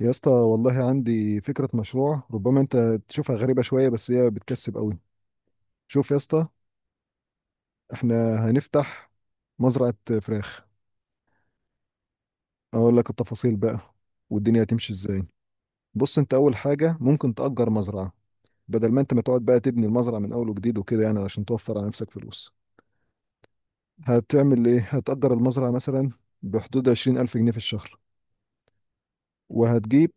يا اسطى والله عندي فكرة مشروع ربما انت تشوفها غريبة شوية، بس هي بتكسب قوي. شوف يا اسطى، احنا هنفتح مزرعة فراخ. اقول لك التفاصيل بقى والدنيا هتمشي ازاي. بص، انت اول حاجة ممكن تأجر مزرعة بدل ما انت ما تقعد بقى تبني المزرعة من اول وجديد وكده يعني عشان توفر على نفسك فلوس. هتعمل ايه؟ هتأجر المزرعة مثلا بحدود 20000 جنيه في الشهر، وهتجيب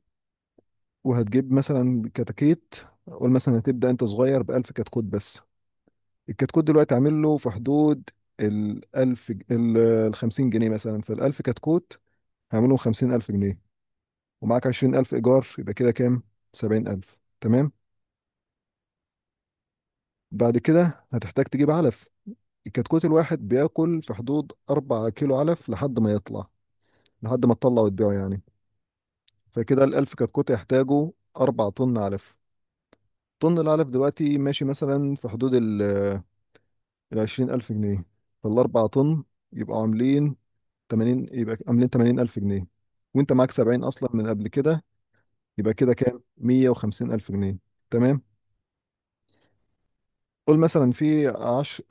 وهتجيب مثلا كتاكيت. قول مثلا هتبدأ انت صغير ب 1000 كتكوت بس. الكتكوت دلوقتي عامل له في حدود ال 50 جنيه مثلا، فال 1000 كتكوت هعملهم 50000 جنيه. ومعاك 20000 إيجار، يبقى كده كام؟ 70000. تمام؟ بعد كده هتحتاج تجيب علف. الكتكوت الواحد بياكل في حدود 4 كيلو علف لحد ما تطلع وتبيعه يعني. فكده ال 1000 كتكوت يحتاجوا 4 طن علف. طن العلف دلوقتي ماشي مثلا في حدود ال 20000 جنيه، فالأربع طن يبقوا عاملين 80، يبقى عاملين 80000 جنيه. وانت معاك 70 اصلا من قبل كده، يبقى كده كام؟ 150000 جنيه. تمام. قول مثلا في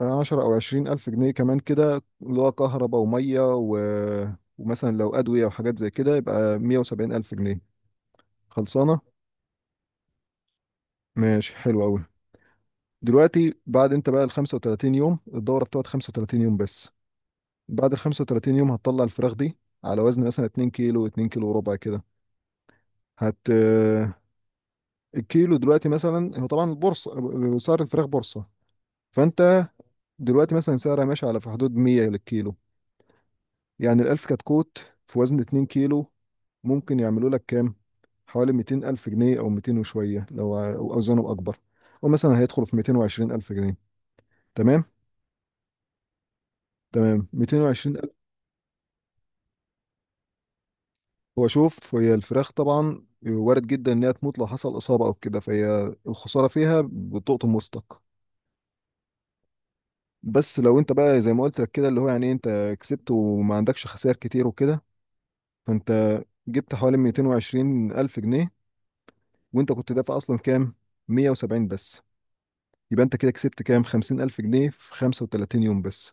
10 او 20000 جنيه كمان كده، اللي هو كهرباء وميه ومثلا لو ادويه وحاجات زي كده، يبقى 170000 جنيه خلصانه. ماشي، حلو قوي. دلوقتي بعد انت بقى ال 35 يوم، الدوره بتقعد 35 يوم بس. بعد ال 35 يوم هتطلع الفراخ دي على وزن مثلا 2 كيلو، 2 كيلو وربع كده. هت الكيلو دلوقتي مثلا، هو طبعا البورصه، سعر الفراخ بورصه. فانت دلوقتي مثلا سعرها ماشي على في حدود 100 للكيلو. يعني ال 1000 كتكوت في وزن 2 كيلو ممكن يعملوا لك كام؟ حوالي 200 ألف جنيه، أو 200 وشوية أو أوزانه أكبر، أو مثلا هيدخل في 220 ألف جنيه. تمام. تمام 220 ألف. هو شوف، هي الفراخ طبعا وارد جدا إنها تموت لو حصل إصابة أو كده، فهي الخسارة فيها بتقطم وسطك. بس لو انت بقى زي ما قلت لك كده اللي هو يعني انت كسبت وما عندكش خسائر كتير وكده، فانت جبت حوالي 220 الف جنيه. وانت كنت دافع اصلا كام؟ 170 بس. يبقى انت كده كسبت كام؟ 50 الف جنيه في 35 يوم بس.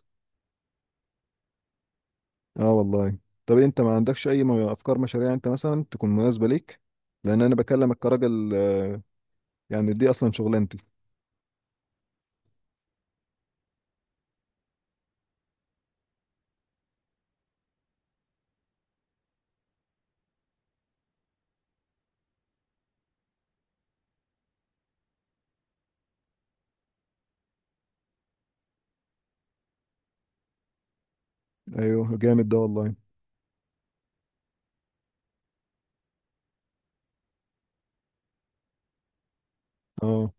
اه والله. طب انت ما عندكش اي افكار مشاريع انت مثلا تكون مناسبة ليك؟ لان انا بكلمك كراجل. يعني دي اصلا شغلانتي. ايوه، جامد ده والله. اه،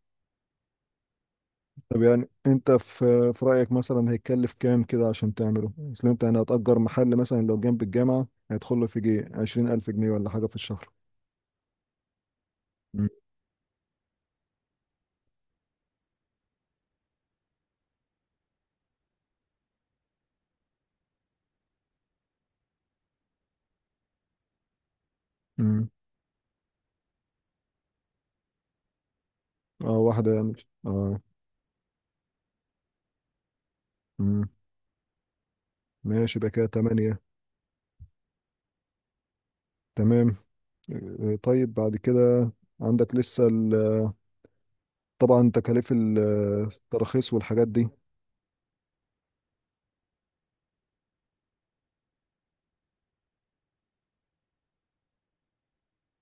طب يعني انت في رأيك مثلا هيتكلف كام كده عشان تعمله؟ اصل انت يعني هتأجر محل مثلا لو جنب الجامعة هيدخل له في جي 20000 جنيه ولا حاجة في الشهر. مم. مم. اه، واحدة يعني. اه. مم. ماشي، يبقى كده تمانية. تمام. اه، طيب بعد كده عندك لسه طبعا تكاليف التراخيص والحاجات دي.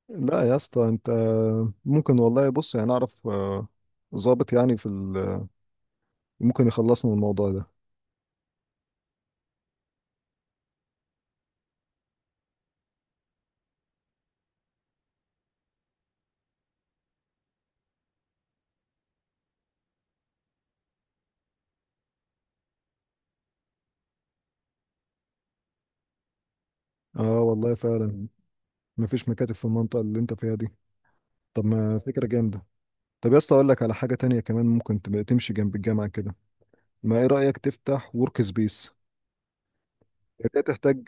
لا يا اسطى، انت ممكن والله. بص يعني اعرف ظابط يعني في ممكن يخلصنا من الموضوع ده. اه والله فعلا، مفيش مكاتب في المنطقة اللي انت فيها دي. طب ما فكرة جامدة. طب يا اسطى اقول لك على حاجة تانية كمان ممكن تبقى تمشي جنب الجامعة كده. ما ايه رأيك تفتح ورك سبيس؟ هي تحتاج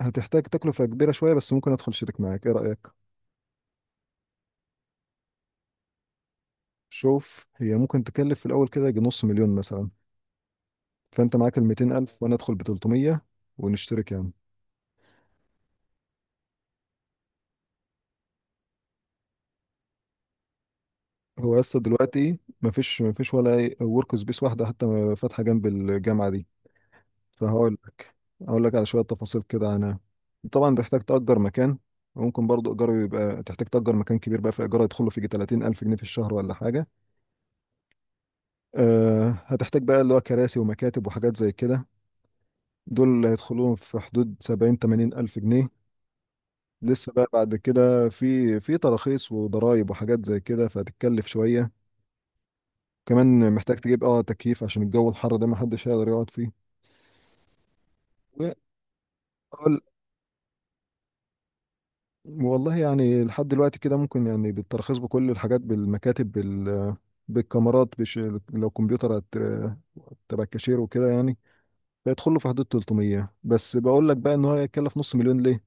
هتحتاج تكلفة كبيرة شوية، بس ممكن ادخل شريك معاك. ايه رأيك؟ شوف، هي ممكن تكلف في الاول كده يجي نص مليون مثلا. فانت معاك ال 200 الف وانا ادخل ب 300، ونشترك يعني. هو يا اسطى دلوقتي مفيش ولا ورك سبيس واحدة حتى فاتحة جنب الجامعة دي. فهقول لك هقول لك على شوية تفاصيل كده عنها. طبعا تحتاج تأجر مكان. وممكن برضو إيجاره يبقى، تحتاج تأجر مكان كبير بقى، في إيجاره يدخله في يجي 30 ألف جنيه في الشهر ولا حاجة. هتحتاج بقى اللي هو كراسي ومكاتب وحاجات زي كده. دول اللي هيدخلوهم في حدود 70، 80 ألف جنيه. لسه بقى بعد كده في تراخيص وضرايب وحاجات زي كده، فهتتكلف شوية. كمان محتاج تجيب تكييف عشان الجو الحر ده محدش هيقدر يقعد فيه. وأقول والله يعني لحد دلوقتي كده، ممكن يعني بالترخيص، بكل الحاجات، بالمكاتب، بالكاميرات، لو كمبيوتر هت... تبع الكاشير وكده يعني، بيدخل له في حدود 300 بس. بقول لك بقى ان هو هيتكلف نص مليون ليه؟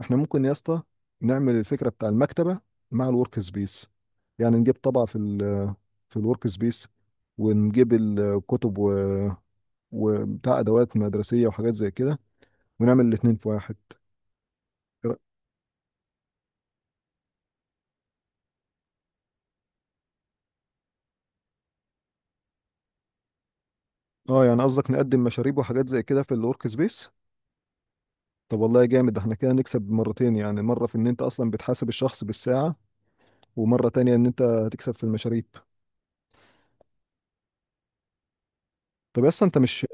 احنا ممكن يا اسطى نعمل الفكره بتاع المكتبه مع الورك سبيس. يعني نجيب طبعه في الورك سبيس، ونجيب الكتب وبتاع ادوات مدرسيه وحاجات زي كده، ونعمل الاتنين في واحد. اه، يعني قصدك نقدم مشاريب وحاجات زي كده في الورك سبيس؟ طب والله جامد ده. احنا كده نكسب مرتين، يعني مرة في ان انت اصلا بتحاسب الشخص بالساعة، ومرة تانية ان انت هتكسب في المشاريب. طب اصلا انت مش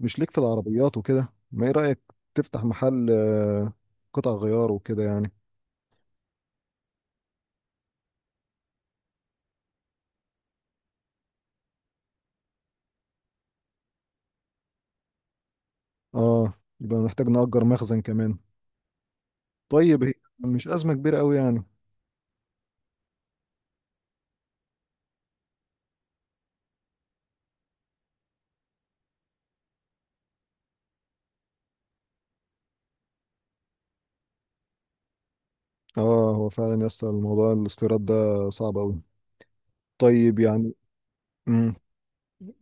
مش ليك في العربيات وكده؟ ما ايه رأيك تفتح محل قطع غيار وكده يعني؟ اه، يبقى نحتاج نأجر مخزن كمان. طيب هي مش أزمة كبيرة قوي يعني. اه، هو فعلا يا اسطى الموضوع الاستيراد ده صعب قوي. طيب يعني، امم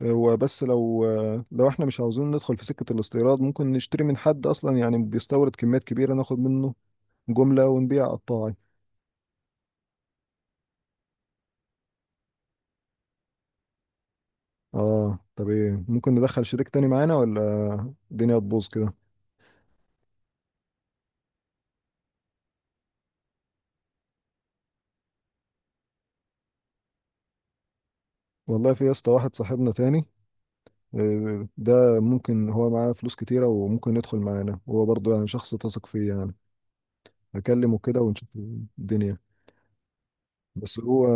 هو بس لو لو احنا مش عاوزين ندخل في سكة الاستيراد، ممكن نشتري من حد اصلا يعني بيستورد كميات كبيرة، ناخد منه جملة ونبيع قطاعي. اه. طب ايه، ممكن ندخل شريك تاني معانا ولا الدنيا تبوظ كده؟ والله في يا اسطى واحد صاحبنا تاني. ده ممكن هو معاه فلوس كتيرة وممكن يدخل معانا هو برضه، يعني شخص تثق فيه يعني. هكلمه كده ونشوف الدنيا. بس هو.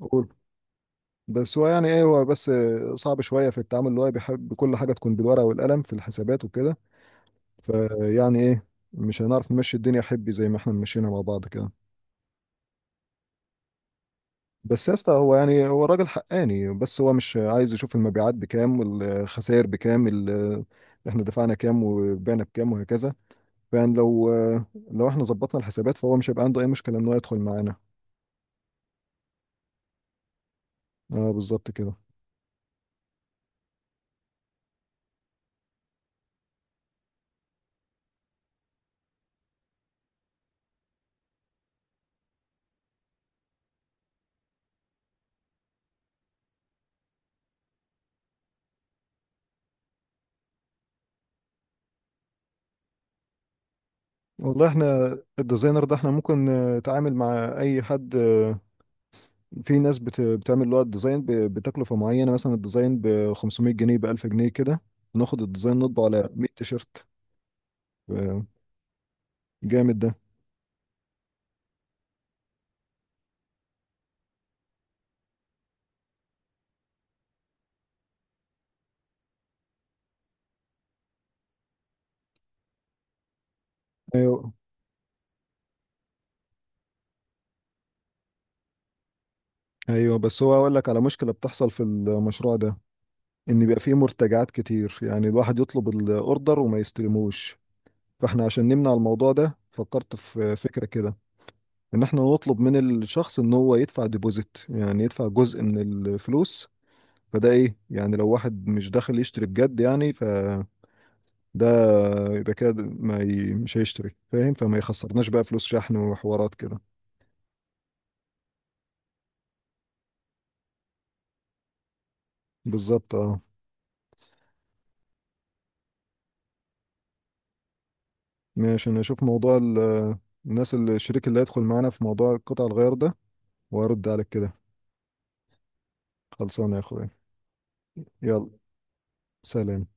قول. بس هو يعني ايه، هو بس صعب شوية في التعامل اللي هو بيحب كل حاجة تكون بالورقة والقلم في الحسابات وكده. فيعني ايه، مش هنعرف نمشي الدنيا حبي زي ما احنا مشينا مع بعض كده. بس يا اسطى، هو يعني هو راجل حقاني، بس هو مش عايز يشوف المبيعات بكام والخسائر بكام. احنا دفعنا كام وبعنا بكام وهكذا. فيعني لو احنا ظبطنا الحسابات، فهو مش هيبقى عنده اي مشكلة ان هو يدخل معانا. اه، بالظبط كده. والله، احنا الديزاينر ده ممكن نتعامل مع اي حد. في ناس بتعمل اللي هو الديزاين بتكلفة معينة، مثلا الديزاين ب 500 جنيه، ب 1000 جنيه كده، ناخد الديزاين نطبع على 100 تيشرت. آه، جامد ده. أيوه. ايوه، بس هو اقول لك على مشكله بتحصل في المشروع ده. ان بيبقى فيه مرتجعات كتير، يعني الواحد يطلب الاوردر وما يستلموش. فاحنا عشان نمنع الموضوع ده فكرت في فكره كده ان احنا نطلب من الشخص ان هو يدفع ديبوزيت، يعني يدفع جزء من الفلوس. فده ايه، يعني لو واحد مش داخل يشتري بجد يعني، فده يبقى كده ما ي... مش هيشتري فاهم، فما يخسرناش بقى فلوس شحن وحوارات كده. بالظبط، اه. ماشي، انا اشوف موضوع الناس اللي الشريك اللي هيدخل معانا في موضوع قطع الغيار ده، وارد عليك كده. خلصانه يا اخويا. يلا، سلام.